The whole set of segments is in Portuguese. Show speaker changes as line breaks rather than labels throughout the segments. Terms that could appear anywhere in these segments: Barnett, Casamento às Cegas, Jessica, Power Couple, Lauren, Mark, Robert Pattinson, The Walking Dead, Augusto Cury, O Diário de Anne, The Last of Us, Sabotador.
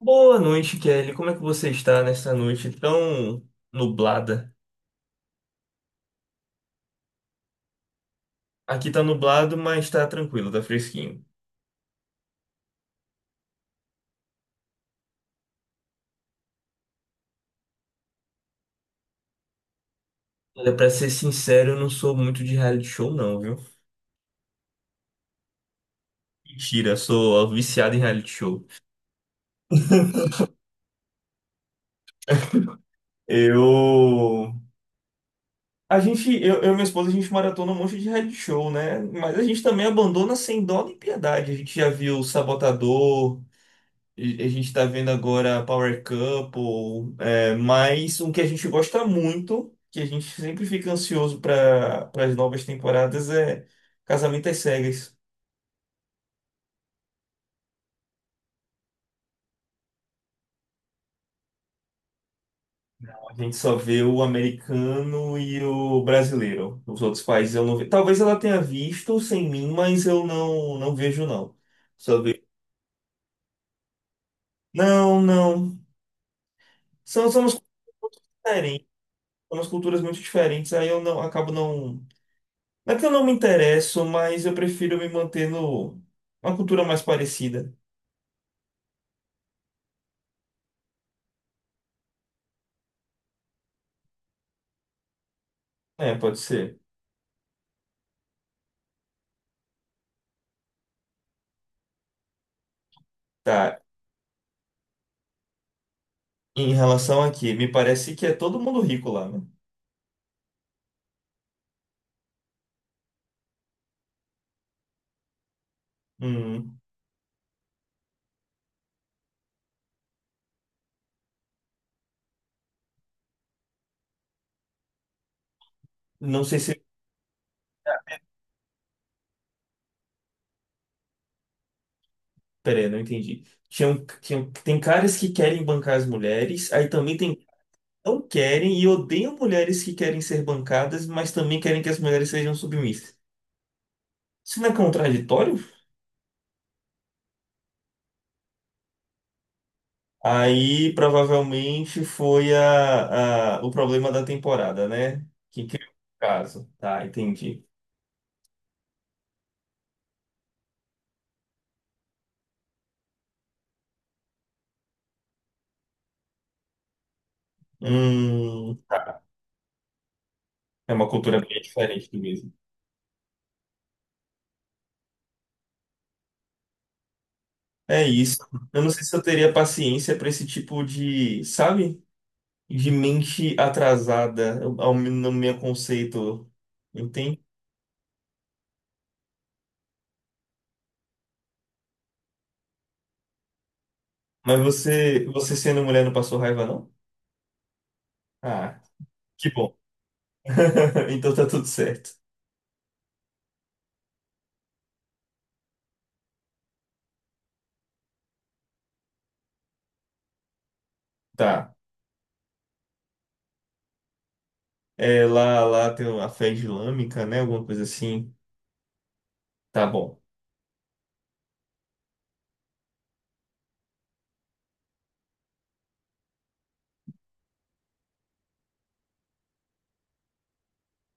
Boa noite, Kelly. Como é que você está nessa noite tão nublada? Aqui tá nublado, mas tá tranquilo, tá fresquinho. Olha, pra ser sincero, eu não sou muito de reality show, não, viu? Mentira, sou viciado em reality show. Eu. A gente, eu e minha esposa, a gente maratona um monte de reality show, né? Mas a gente também abandona sem dó nem piedade. A gente já viu o Sabotador. E a gente tá vendo agora Power Couple, mais um que a gente gosta muito, que a gente sempre fica ansioso para as novas temporadas, Casamento às Cegas. A gente só vê o americano e o brasileiro. Os outros países eu não vejo. Talvez ela tenha visto sem mim, mas eu não vejo, não. Só vejo. Não, não. São umas culturas muito diferentes, aí eu não acabo não. Não é que eu não me interesso, mas eu prefiro me manter no uma cultura mais parecida. É, pode ser. Tá. Em relação aqui, me parece que é todo mundo rico lá, né? Hum, não sei se. Peraí, não entendi. Tem caras que querem bancar as mulheres, aí também tem que não querem e odeiam mulheres que querem ser bancadas, mas também querem que as mulheres sejam submissas. Isso não é contraditório? Aí provavelmente foi o problema da temporada, né? Que criou o caso. Tá, entendi. Hum, é uma cultura bem diferente do mesmo. É isso. Eu não sei se eu teria paciência para esse tipo de, sabe? De mente atrasada, no meu conceito, entende? Mas você sendo mulher não passou raiva, não? Ah, que bom. Então tá tudo certo. Tá. É, lá tem a fé islâmica, né? Alguma coisa assim. Tá bom.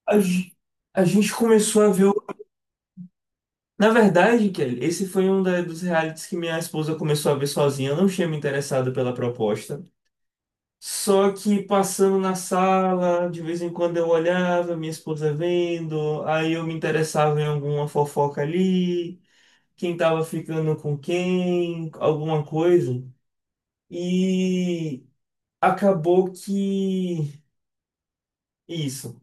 A, ge- a gente começou a ver. Na verdade, Kelly, esse foi um dos realities que minha esposa começou a ver sozinha. Eu não tinha me interessado pela proposta. Só que passando na sala, de vez em quando eu olhava, minha esposa vendo, aí eu me interessava em alguma fofoca ali, quem tava ficando com quem, alguma coisa. E acabou que. Isso.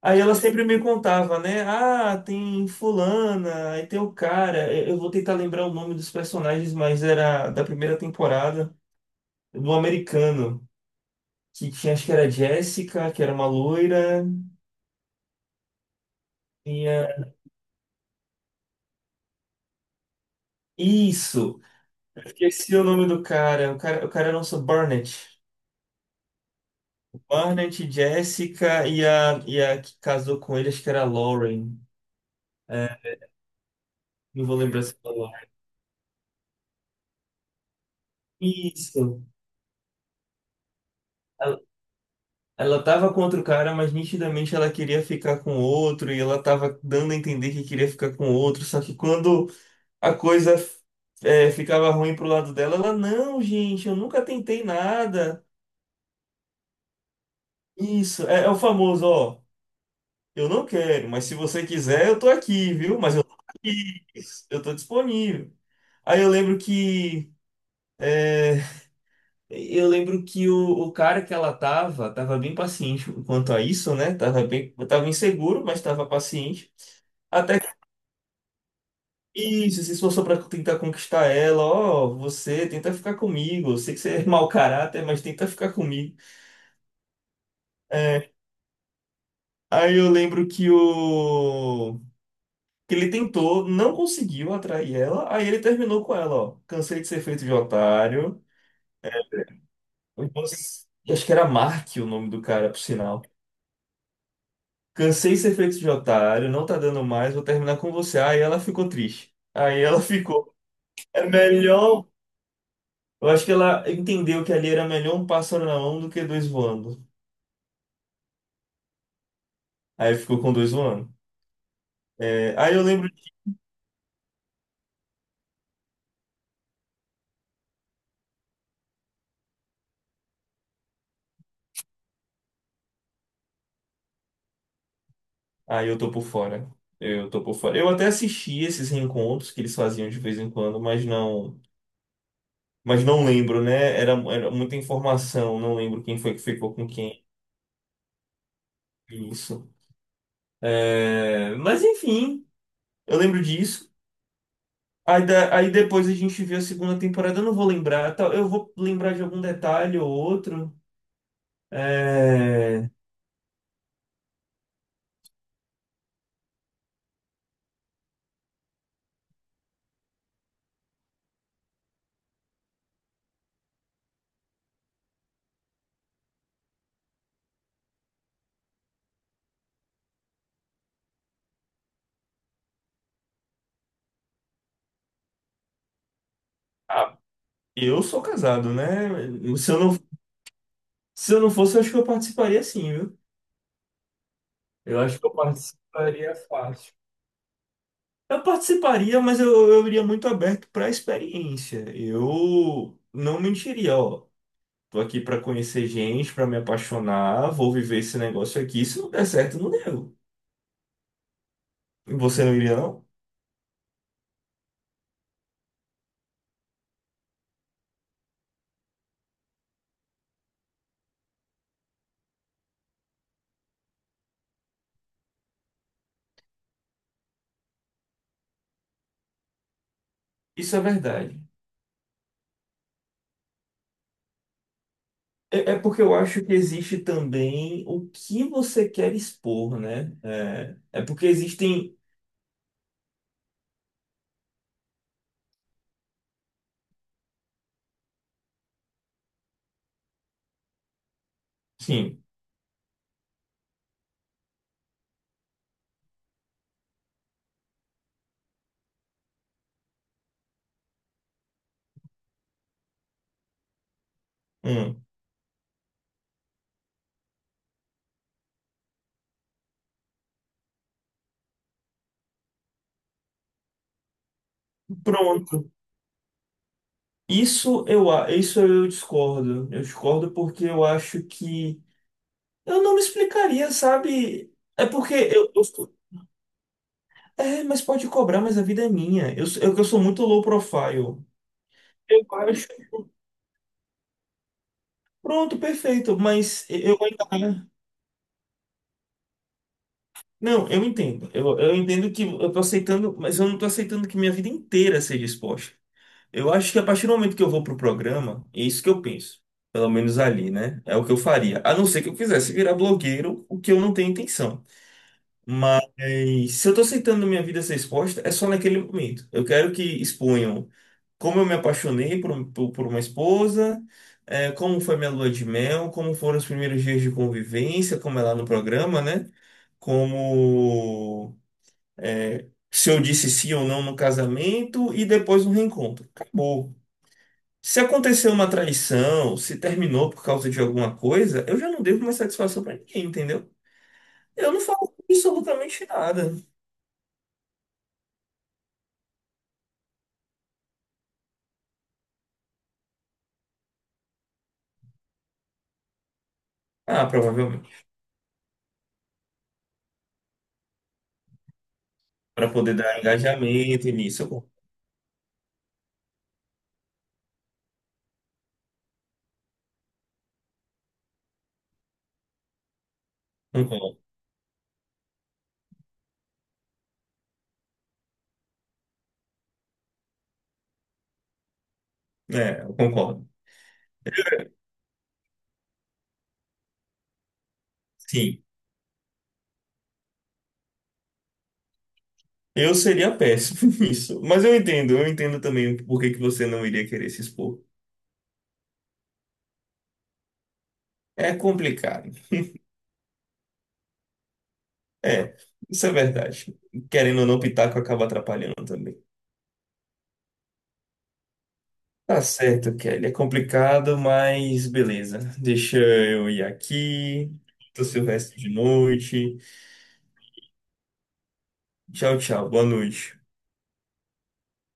Aí ela sempre me contava, né? Ah, tem fulana, aí tem o cara. Eu vou tentar lembrar o nome dos personagens, mas era da primeira temporada, do americano, que tinha, acho que era Jessica, que era uma loira. Tinha... Isso! Esqueci o nome do cara. O cara era o nosso Barnett. Barnett, Jessica e a que casou com ele, acho que era a Lauren. É, não vou lembrar se falou. Isso. Ela tava contra o cara, mas nitidamente ela queria ficar com o outro e ela tava dando a entender que queria ficar com o outro. Só que quando a coisa ficava ruim pro lado dela, ela, não, gente, eu nunca tentei nada. Isso, é o famoso, ó, eu não quero, mas se você quiser, eu tô aqui, viu? Mas eu tô aqui, eu tô disponível. Aí eu lembro que. é, Eu lembro que o cara que ela tava, tava bem paciente quanto a isso, né? Tava bem, tava inseguro, mas tava paciente. Até que isso, se esforçou pra tentar conquistar ela. Ó, você tenta ficar comigo. Eu sei que você é mau caráter, mas tenta ficar comigo. É, aí eu lembro que o que ele tentou, não conseguiu atrair ela. Aí ele terminou com ela, ó. Cansei de ser feito de otário. Você- acho que era Mark o nome do cara, por sinal. Cansei de ser feito de otário, não tá dando mais, vou terminar com você. Aí ela ficou triste. Aí ela ficou. É melhor. Eu acho que ela entendeu que ali era melhor um pássaro na mão do que dois voando. Aí ficou com dois voando. É, aí eu lembro. Aí eu tô por fora. Eu tô por fora. Eu até assisti esses reencontros que eles faziam de vez em quando, mas não. Mas não lembro, né? Era muita informação, não lembro quem foi que ficou com quem. Isso. É, mas enfim, eu lembro disso. Aí depois a gente vê a segunda temporada, eu não vou lembrar, tá, eu vou lembrar de algum detalhe ou outro. É, ah, eu sou casado, né? Se eu não, se eu não fosse, eu acho que eu participaria sim, viu? Eu acho que eu participaria fácil. Eu participaria, mas eu iria muito aberto para a experiência. Eu não mentiria, ó. Tô aqui para conhecer gente, para me apaixonar, vou viver esse negócio aqui. Se não der certo, não deu. E você não iria, não? Isso é verdade. É porque eu acho que existe também o que você quer expor, né? É porque existem, sim, hum, pronto. Isso eu discordo. Eu discordo porque eu acho que eu não me explicaria, sabe? É porque eu sou- é, mas pode cobrar, mas a vida é minha. Eu sou muito low profile. Eu acho. Pronto, perfeito, mas eu ainda. Né? Não, eu entendo. Eu entendo que eu tô aceitando, mas eu não tô aceitando que minha vida inteira seja exposta. Eu acho que a partir do momento que eu vou pro programa, é isso que eu penso. Pelo menos ali, né? É o que eu faria. A não ser que eu quisesse virar blogueiro, o que eu não tenho intenção. E se eu tô aceitando minha vida ser exposta, é só naquele momento. Eu quero que exponham como eu me apaixonei por uma esposa, eh, como foi minha lua de mel, como foram os primeiros dias de convivência, como é lá no programa, né? Como, eh, se eu disse sim ou não no casamento e depois no reencontro. Acabou. Se aconteceu uma traição, se terminou por causa de alguma coisa, eu já não devo mais satisfação pra ninguém, entendeu? Eu não falo absolutamente nada. Ah, provavelmente. Pra poder dar engajamento nisso, eu concordo. É, eu concordo. Sim. Eu seria péssimo nisso. Mas eu entendo também por que que você não iria querer se expor. É complicado. É, isso é verdade. Querendo ou não, o pitaco acaba atrapalhando também. Tá certo, Kelly. É complicado, mas beleza. Deixa eu ir aqui. Tô Silvestre de noite. Tchau, tchau. Boa noite.